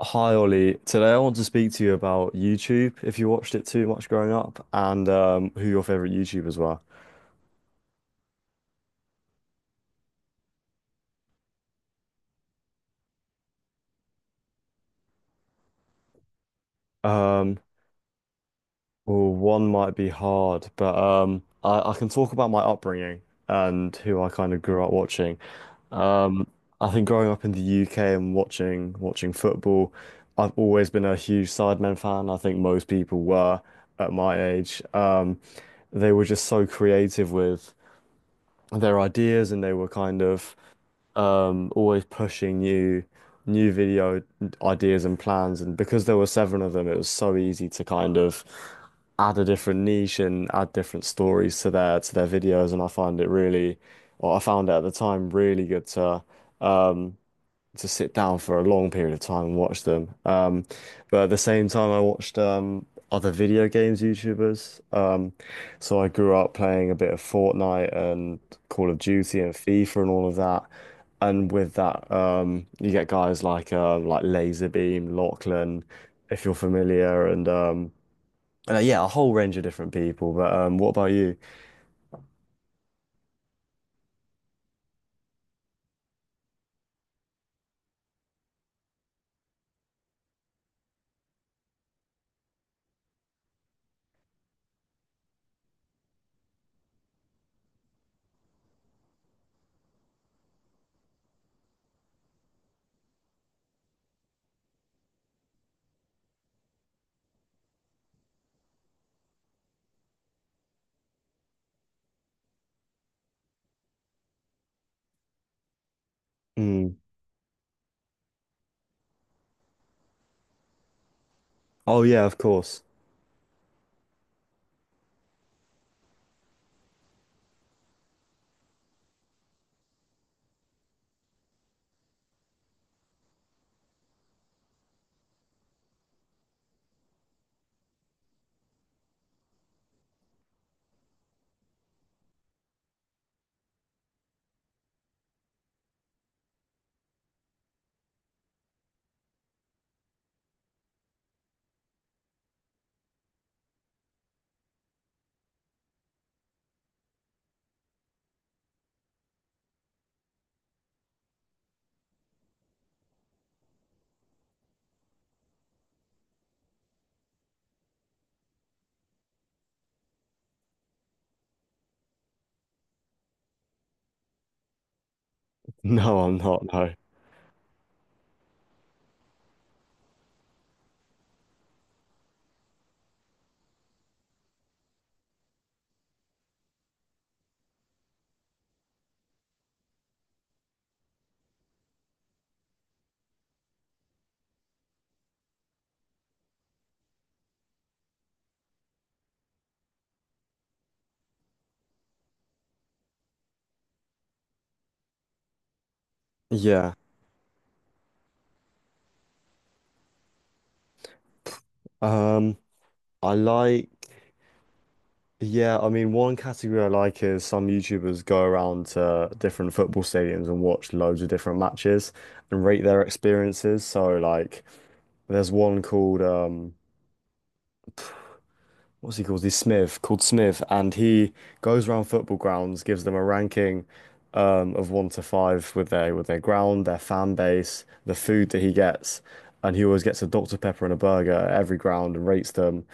Hi Ollie, today I want to speak to you about YouTube, if you watched it too much growing up, and who your favorite YouTubers were. Um, well, one might be hard, but I can talk about my upbringing and who I kind of grew up watching. Um, I think growing up in the UK and watching football, I've always been a huge Sidemen fan. I think most people were at my age. They were just so creative with their ideas, and they were kind of always pushing new video ideas and plans. And because there were seven of them, it was so easy to kind of add a different niche and add different stories to their videos. And I find it really, or I found it at the time really good to. um, to sit down for a long period of time and watch them. But at the same time, I watched other video games YouTubers. So I grew up playing a bit of Fortnite and Call of Duty and FIFA and all of that. And with that, you get guys like Laserbeam, Lachlan, if you're familiar, and yeah, a whole range of different people. But what about you? Mm. Oh yeah, of course. No, I'm not. No. Yeah. Um, I like. Yeah, I mean, one category I like is some YouTubers go around to different football stadiums and watch loads of different matches and rate their experiences. So, like, there's one called, what's he called? He's Smith, called Smith, and he goes around football grounds, gives them a ranking, of one to five with their ground, their fan base, the food that he gets, and he always gets a Dr. Pepper and a burger at every ground and rates them.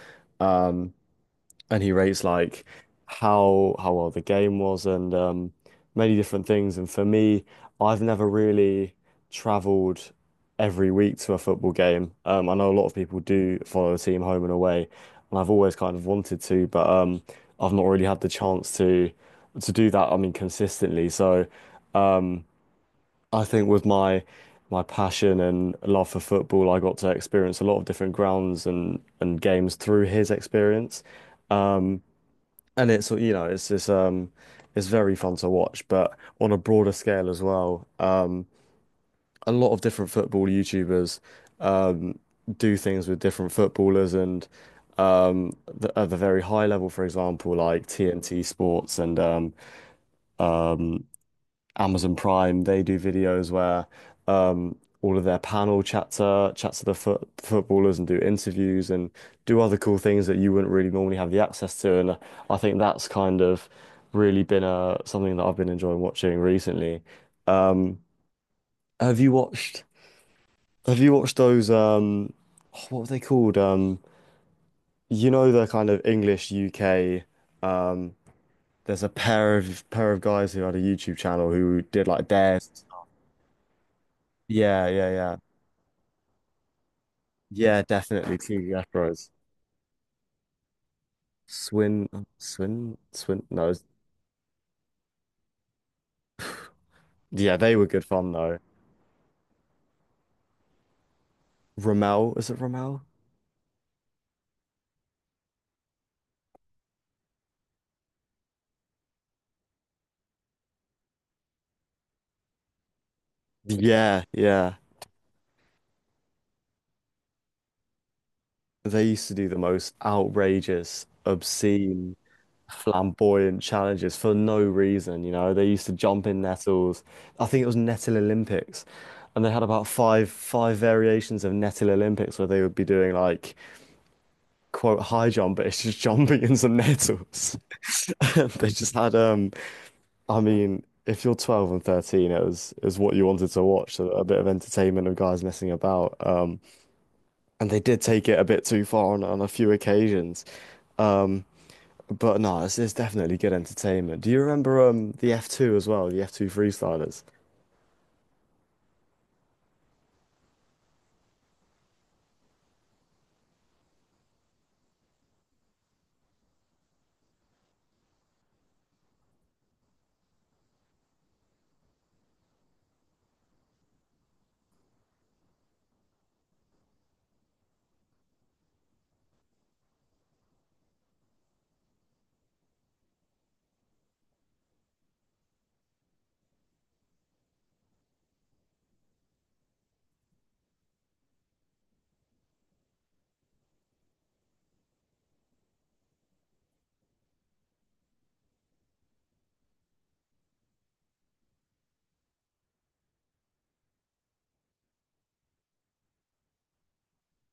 Um, and he rates like how well the game was, and many different things. And for me, I've never really traveled every week to a football game. I know a lot of people do follow the team home and away, and I've always kind of wanted to, but I've not really had the chance to do that. I mean, consistently. So um, I think with my passion and love for football, I got to experience a lot of different grounds and games through his experience. And it's, you know, it's this it's very fun to watch, but on a broader scale as well, a lot of different football YouTubers um do things with different footballers and the, at the very high level, for example, like TNT Sports and Amazon Prime, they do videos where um, all of their panel chats to the footballers and do interviews and do other cool things that you wouldn't really normally have the access to. And I think that's kind of really been something that I've been enjoying watching recently. Um, have you watched? Have you watched those? What were they called? You know the kind of English UK. Um, there's a pair of guys who had a YouTube channel who did like dares. Yeah, yeah, yeah. Yeah, definitely two Yakros. Swin, Swin. No, it's- yeah, they were good fun though. Rommel, is it Rommel? Yeah, yeah. They used to do the most outrageous, obscene, flamboyant challenges for no reason. You know, they used to jump in nettles. I think it was Nettle Olympics, and they had about five variations of Nettle Olympics where they would be doing like quote high jump, but it's just jumping in some nettles. They just had I mean, if you're 12 and 13, it was what you wanted to watch, so a bit of entertainment of guys messing about. And they did take it a bit too far on a few occasions. Um, but no, it's definitely good entertainment. Do you remember the F2 as well, the F2 freestylers?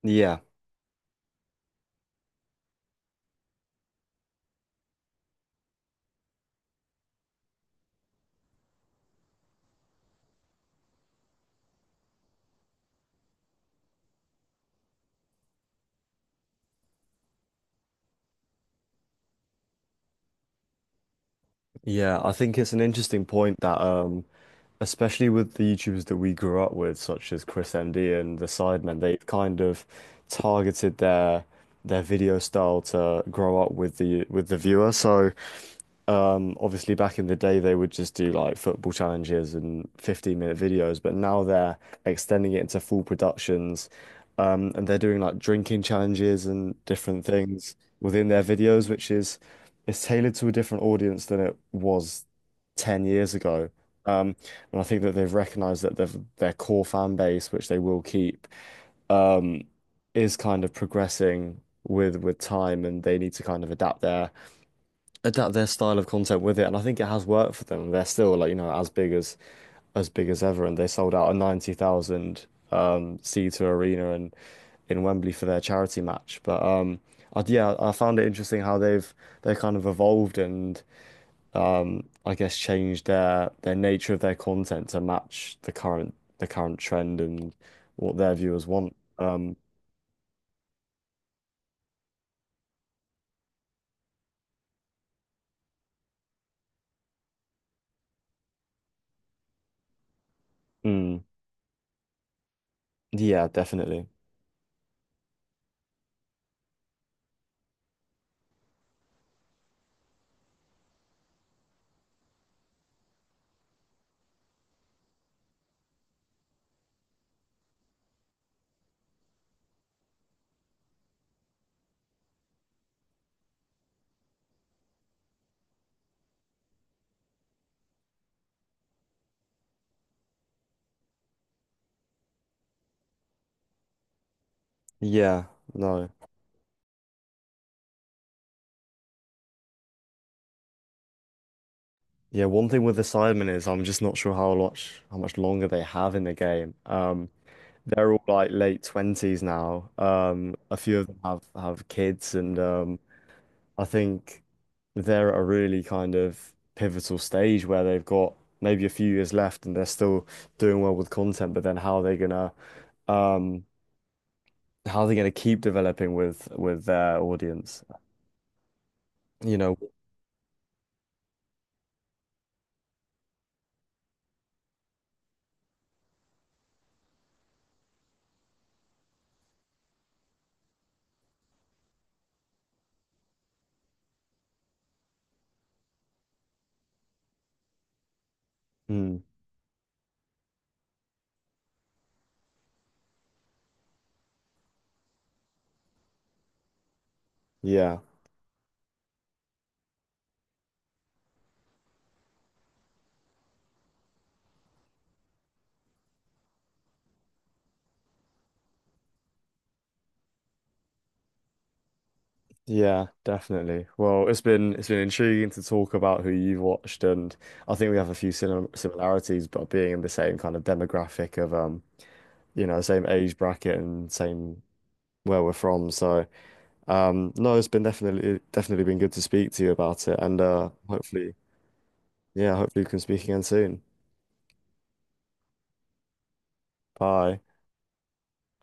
Yeah, yeah. I think it's an interesting point that especially with the YouTubers that we grew up with, such as Chris MD and the Sidemen, they've kind of targeted their video style to grow up with the viewer. So. Obviously back in the day they would just do like football challenges and 15-minute videos, but now they're extending it into full productions. And they're doing like drinking challenges and different things within their videos, which is it's tailored to a different audience than it was 10 years ago. Um, and I think that they've recognized that their core fan base, which they will keep, um, is kind of progressing with time, and they need to kind of adapt their style of content with it, and I think it has worked for them. They're still like you know as big as ever, and they sold out a 90,000 seater arena and in Wembley for their charity match. But I, yeah, I found it interesting how they've they kind of evolved and I guess changed their nature of their content to match the current trend and what their viewers want. Mm, yeah, definitely. Yeah, no. Yeah, one thing with the Cybermen is I'm just not sure how much longer they have in the game. They're all like late twenties now. A few of them have kids, and I think they're at a really kind of pivotal stage where they've got maybe a few years left, and they're still doing well with content. But then how are they gonna um, how are they gonna keep developing with their audience? You know, mm, yeah. Yeah, definitely. Well, it's been intriguing to talk about who you've watched, and I think we have a few similarities, but being in the same kind of demographic of you know, same age bracket and same where we're from. So, no, it's been definitely definitely been good to speak to you about it, and hopefully, yeah, hopefully we can speak again soon. Bye.